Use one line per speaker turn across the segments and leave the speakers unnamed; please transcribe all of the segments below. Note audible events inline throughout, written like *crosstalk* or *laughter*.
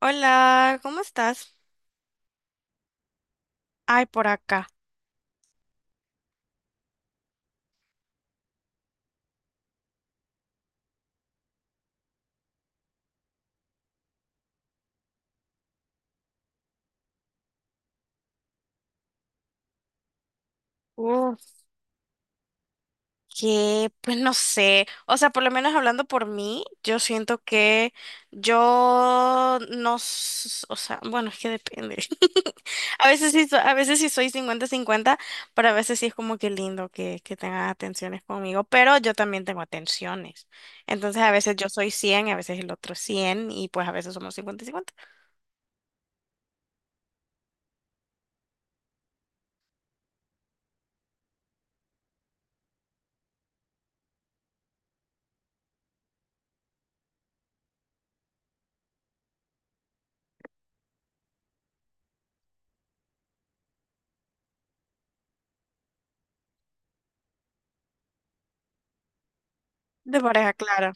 Hola, ¿cómo estás? Ay, por acá. Uf, que pues no sé, o sea, por lo menos hablando por mí, yo siento que yo no, o sea, bueno, es que depende. *laughs* A veces sí, a veces sí soy cincuenta-cincuenta, pero a veces sí es como que lindo que tengan atenciones conmigo, pero yo también tengo atenciones. Entonces a veces yo soy 100, a veces el otro es 100 y pues a veces somos 50 cincuenta. De pareja, claro,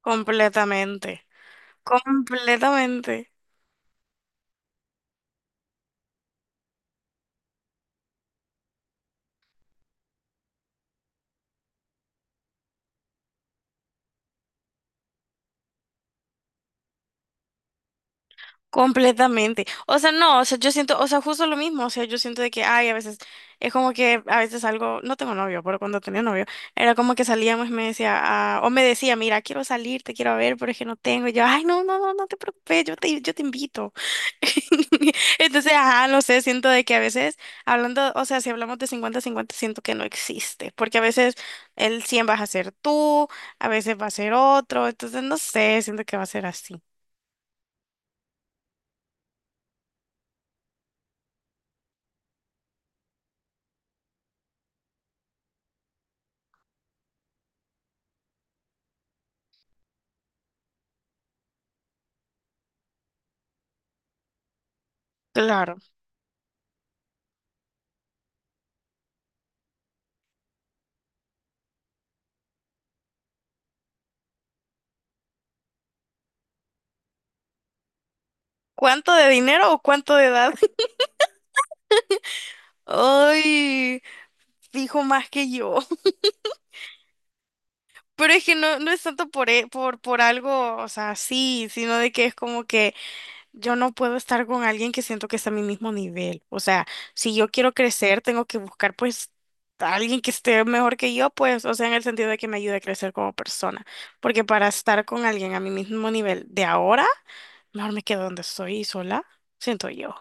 completamente, completamente. Completamente. O sea, no, o sea, yo siento, o sea, justo lo mismo, o sea, yo siento de que, ay, a veces, es como que a veces algo, no tengo novio, pero cuando tenía novio, era como que salíamos y me decía, ah, o me decía, mira, quiero salir, te quiero ver, pero es que no tengo, y yo, ay, no, no, no, no te preocupes, yo te invito. *laughs* Entonces, ajá, no sé, siento de que a veces, hablando, o sea, si hablamos de cincuenta cincuenta siento que no existe, porque a veces el 100 vas a ser tú, a veces va a ser otro, entonces, no sé, siento que va a ser así. Claro. ¿Cuánto de dinero o cuánto de edad? *laughs* Ay, dijo más que yo. *laughs* Pero es que no, no es tanto por algo, o sea, sí, sino de que es como que yo no puedo estar con alguien que siento que está a mi mismo nivel. O sea, si yo quiero crecer, tengo que buscar pues a alguien que esté mejor que yo, pues, o sea, en el sentido de que me ayude a crecer como persona. Porque para estar con alguien a mi mismo nivel de ahora, mejor me quedo donde estoy sola, siento yo.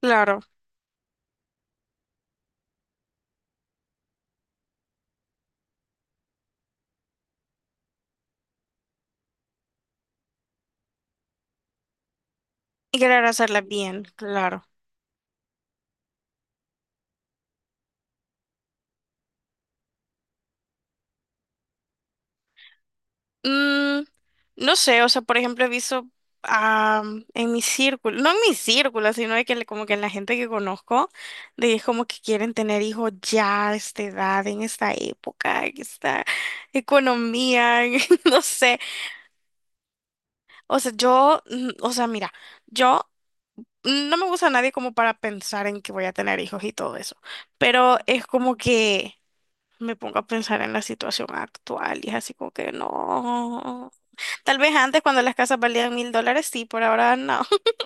Claro. Y querer hacerla bien, claro. Mm, no sé, o sea, por ejemplo, he visto ah, en mi círculo, no en mi círculo, sino de que como que en la gente que conozco, de que es como que quieren tener hijos ya a esta edad, en esta época, en esta economía, en- *laughs* no sé. O sea, yo, mm, o sea, mira, yo no me gusta a nadie como para pensar en que voy a tener hijos y todo eso, pero es como que me pongo a pensar en la situación actual y es así como que no. Tal vez antes cuando las casas valían $1,000, sí, por ahora no. *laughs*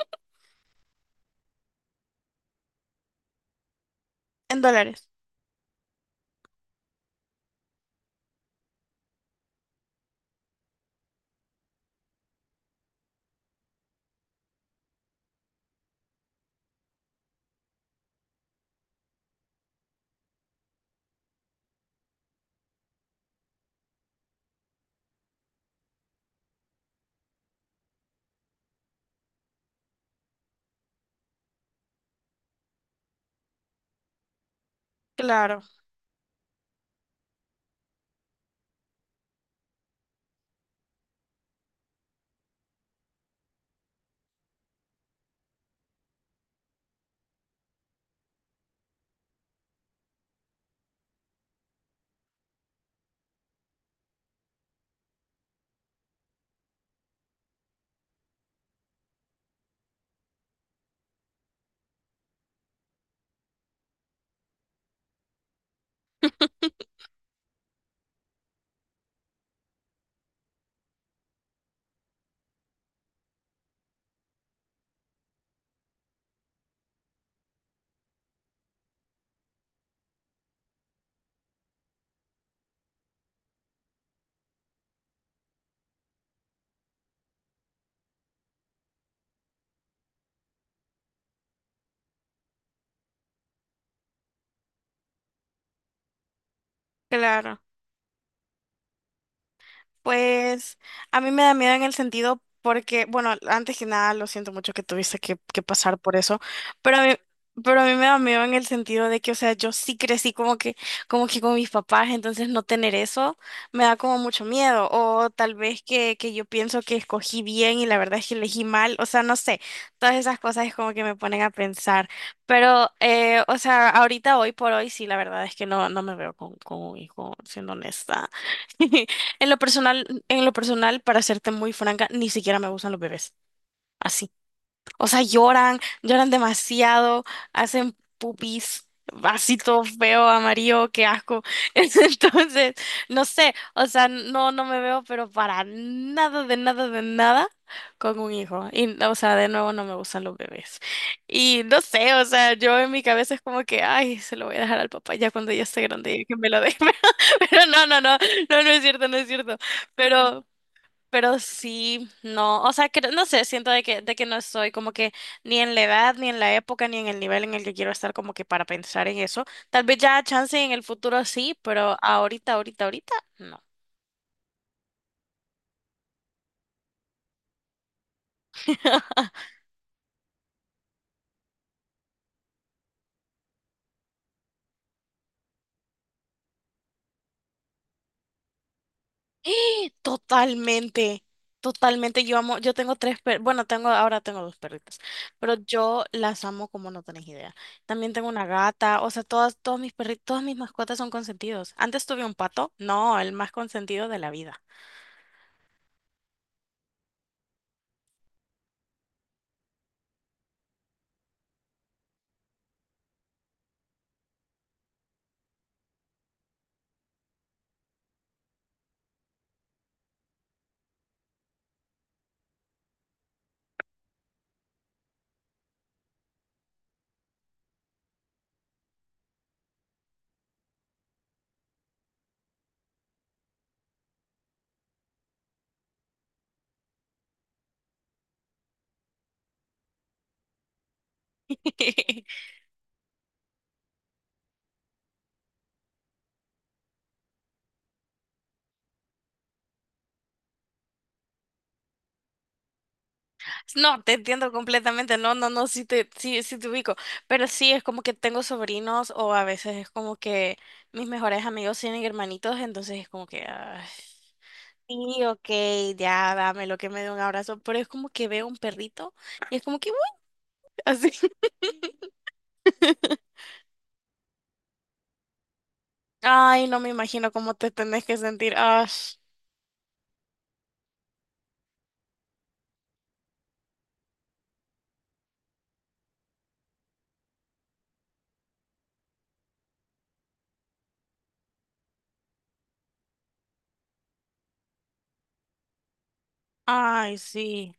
En dólares. Claro, claro. Pues a mí me da miedo en el sentido porque, bueno, antes que nada, lo siento mucho que tuviste que pasar por eso, pero a mí, pero a mí me da miedo en el sentido de que, o sea, yo sí crecí como que con mis papás, entonces no tener eso me da como mucho miedo, o tal vez que yo pienso que escogí bien y la verdad es que elegí mal, o sea, no sé, todas esas cosas es como que me ponen a pensar, pero, o sea, ahorita, hoy por hoy, sí, la verdad es que no, no me veo con un hijo, siendo honesta. *laughs* En lo personal, para serte muy franca, ni siquiera me gustan los bebés. Así. O sea, lloran, lloran demasiado, hacen pupis, así todo feo, amarillo, qué asco. *laughs* Entonces, no sé, o sea, no, no me veo, pero para nada, de nada, de nada con un hijo. Y, o sea, de nuevo no me gustan los bebés. Y no sé, o sea, yo en mi cabeza es como que, ay, se lo voy a dejar al papá ya cuando ya esté grande, ya que me lo deje. *laughs* Pero no, no, no, no, no es cierto, no es cierto. Pero, pero sí, no, o sea, que, no sé, siento de que no estoy como que ni en la edad, ni en la época, ni en el nivel en el que quiero estar como que para pensar en eso. Tal vez ya chance en el futuro sí, pero ahorita, ahorita, ahorita, no. *laughs* ¡Eh! Totalmente, totalmente. Yo amo, yo tengo tres perros, bueno, tengo, ahora tengo dos perritas, pero yo las amo como no tenés idea. También tengo una gata, o sea, todas, todos mis perritos, todas mis mascotas son consentidos. Antes tuve un pato, no, el más consentido de la vida. *laughs* No, te entiendo completamente, no, no, no, sí, sí te ubico, pero sí, es como que tengo sobrinos o a veces es como que mis mejores amigos tienen hermanitos, entonces es como que, ay, sí, ok, ya, dame lo que me dé un abrazo, pero es como que veo un perrito y es como que, "Uy", así, *laughs* ay, no me imagino cómo te tenés que sentir, ay, ay, sí,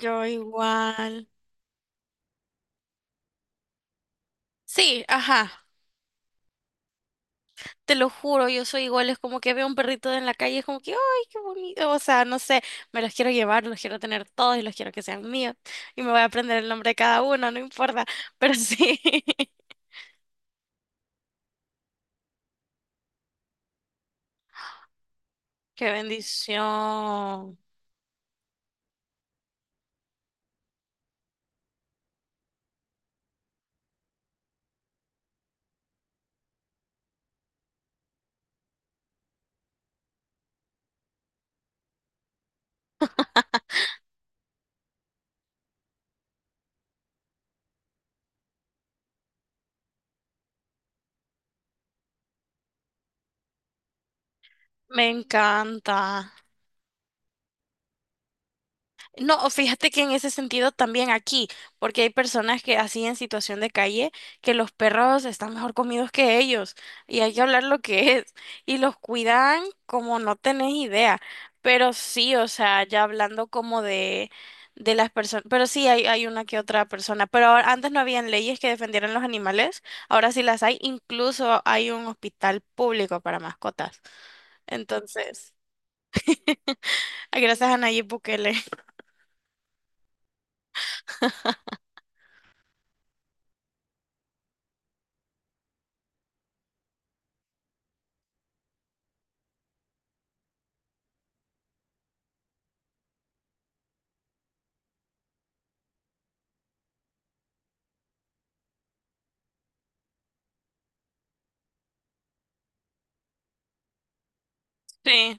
yo igual, sí, ajá. Te lo juro, yo soy igual, es como que veo un perrito en la calle, es como que, ¡ay, qué bonito! O sea, no sé, me los quiero llevar, los quiero tener todos y los quiero que sean míos. Y me voy a aprender el nombre de cada uno, no importa. Pero sí, *laughs* qué bendición. Me encanta. No, fíjate que en ese sentido también aquí, porque hay personas que así en situación de calle, que los perros están mejor comidos que ellos y hay que hablar lo que es y los cuidan como no tenés idea, pero sí, o sea, ya hablando de las personas, pero sí hay una que otra persona, pero ahora- antes no habían leyes que defendieran los animales, ahora sí las hay, incluso hay un hospital público para mascotas, entonces, gracias a Nayib Bukele. *laughs* Sí.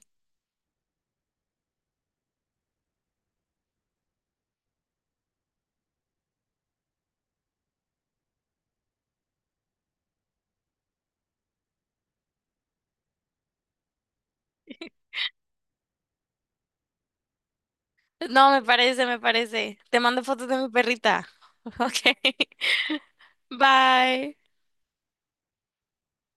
No, me parece, me parece. Te mando fotos de mi perrita. *laughs* Ok. Bye.